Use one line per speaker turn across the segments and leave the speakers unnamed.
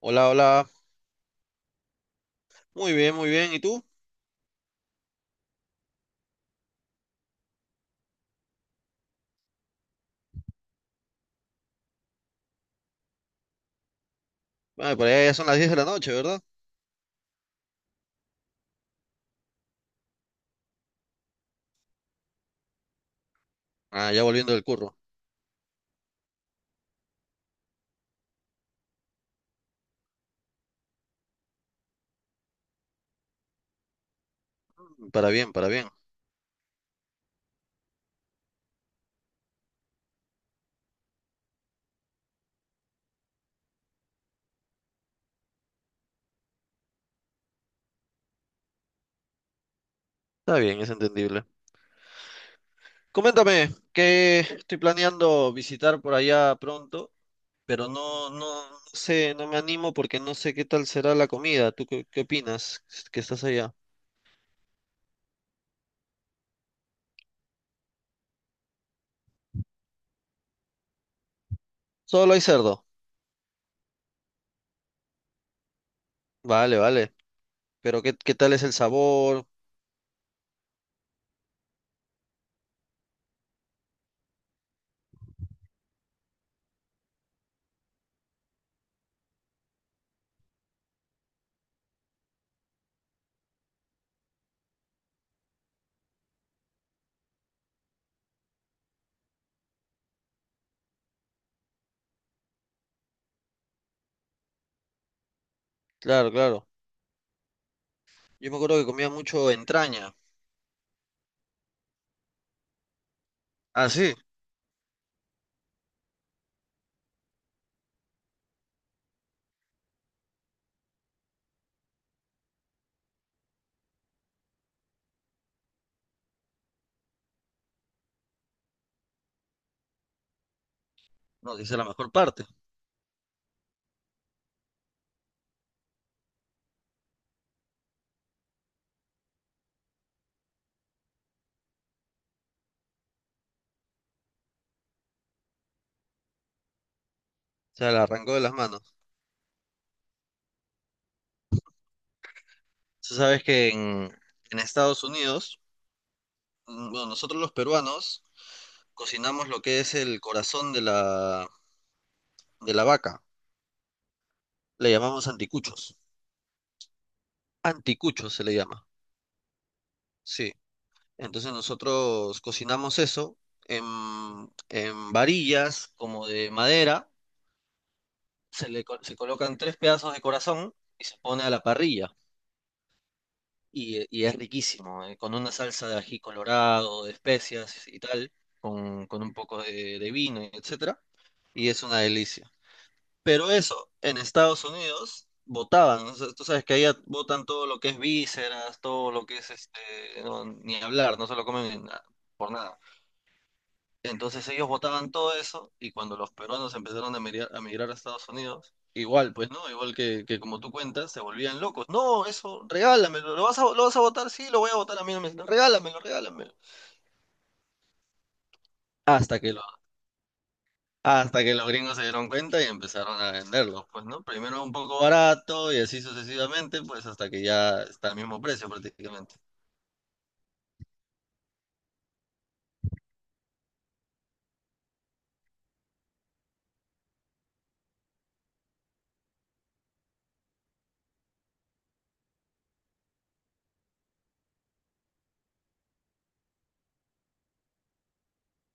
Hola, hola. Muy bien, muy bien. ¿Y tú? Ah, por allá ya son las 10 de la noche, ¿verdad? Ah, ya volviendo del curro. Para bien, para bien. Está bien, es entendible. Coméntame, que estoy planeando visitar por allá pronto, pero no, no, no sé, no me animo porque no sé qué tal será la comida. ¿Tú qué opinas que estás allá? Solo hay cerdo. Vale, vale. Pero ¿qué tal es el sabor? Claro, claro. Yo me acuerdo que comía mucho entraña. Ah, sí. No, que esa es la mejor parte. O sea, la arrancó de las manos. Tú sabes que en Estados Unidos, bueno, nosotros los peruanos cocinamos lo que es el corazón de la vaca. Le llamamos anticuchos. Anticuchos se le llama, sí. Entonces nosotros cocinamos eso en, en varillas como de madera. Se colocan tres pedazos de corazón y se pone a la parrilla. Y es riquísimo, con una salsa de ají colorado, de especias y tal, con un poco de vino, etc. Y es una delicia. Pero eso, en Estados Unidos votaban, ¿no? O sea, tú sabes que allá votan todo lo que es vísceras, todo lo que es este, no, ni hablar, no se lo comen ni nada, por nada. Entonces ellos votaban todo eso y cuando los peruanos empezaron a migrar a Estados Unidos, igual, pues no, igual que como tú cuentas, se volvían locos. No, eso, regálamelo, ¿lo vas a votar? Sí, lo voy a votar a mí, no me- regálamelo, regálamelo. Hasta que los Hasta que los gringos se dieron cuenta y empezaron a venderlos, pues, ¿no? Primero un poco barato y así sucesivamente, pues hasta que ya está al mismo precio prácticamente.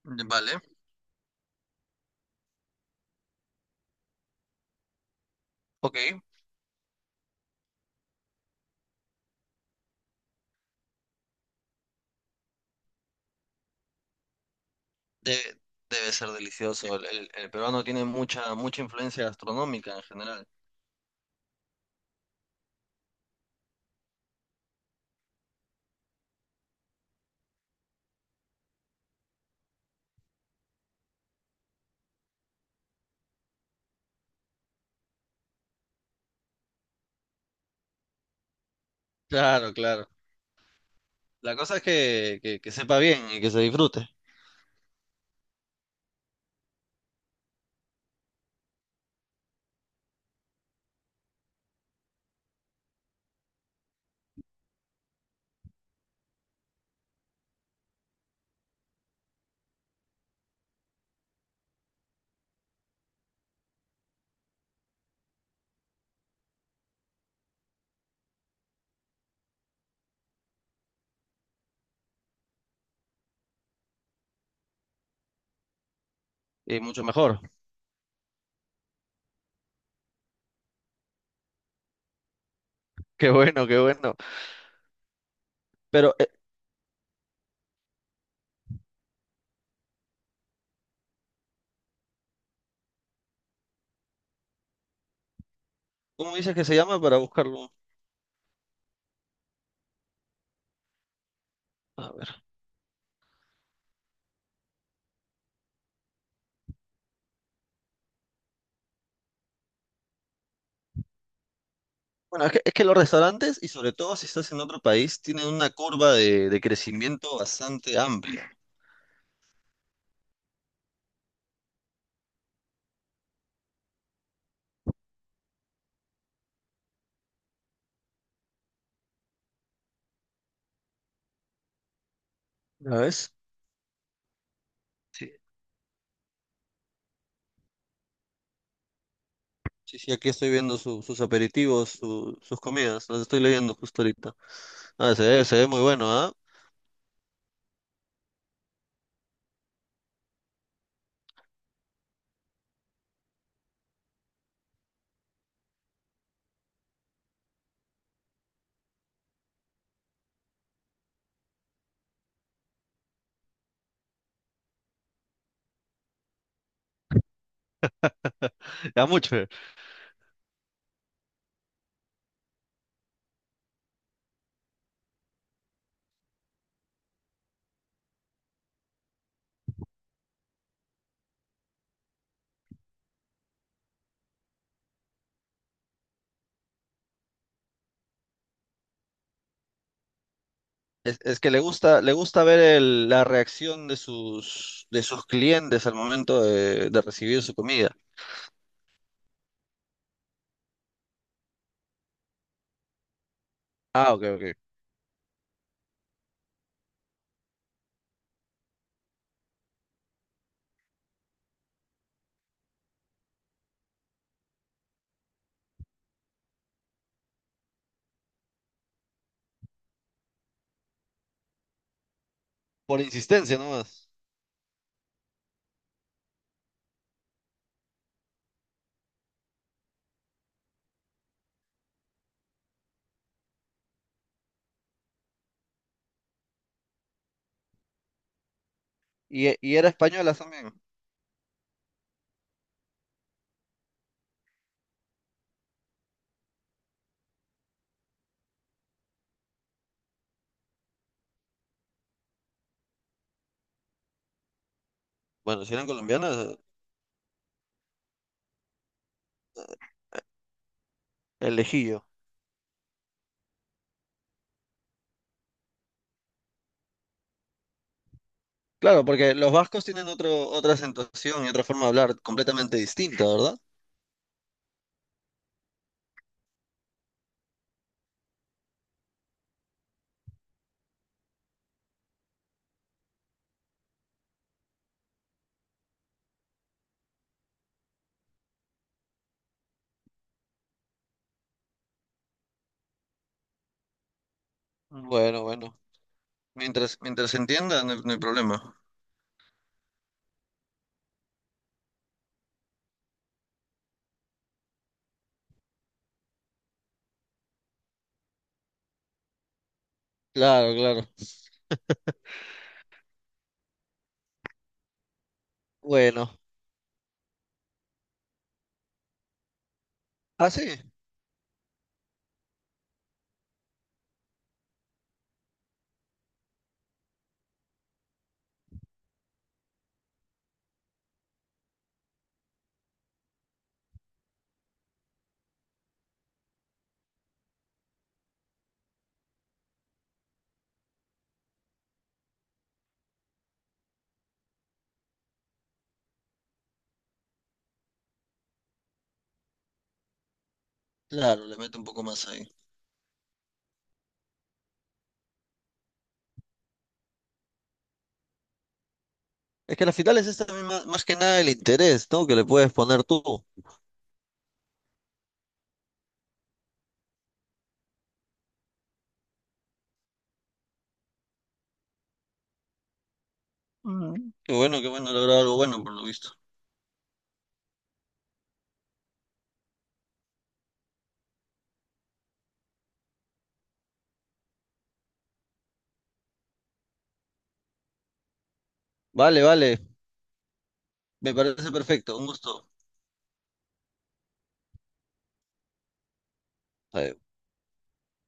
Vale, ok. De- debe ser delicioso. El peruano tiene mucha, mucha influencia gastronómica en general. Claro, claro. La cosa es que sepa bien y que se disfrute. Y mucho mejor. Qué bueno, qué bueno. Pero, ¿cómo dices que se llama para buscarlo? A ver. Bueno, es que los restaurantes, y sobre todo si estás en otro país, tienen una curva de crecimiento bastante amplia. ¿La ves? Sí, sí, sí, aquí estoy viendo sus aperitivos, sus comidas, las estoy leyendo justo ahorita. Ah, se ve muy bueno, ¿ah? Ya mucho. Es que le gusta ver la reacción de sus clientes al momento de recibir su comida. Ah, ok, ok. Por insistencia nomás. Y era española también. Bueno, si eran colombianas, el lejillo. Claro, porque los vascos tienen otro, otra acentuación y otra forma de hablar completamente distinta, ¿verdad? Bueno, bueno. Mientras se entienda, no hay problema. Claro, claro. Bueno. Ah, sí. Claro, le meto un poco más ahí. Es que al final es esta misma, más que nada el interés, ¿no? Que le puedes poner tú. Mm. Qué bueno, lograr algo bueno, por lo visto. Vale, vale. Me parece perfecto. Un gusto. Ahí.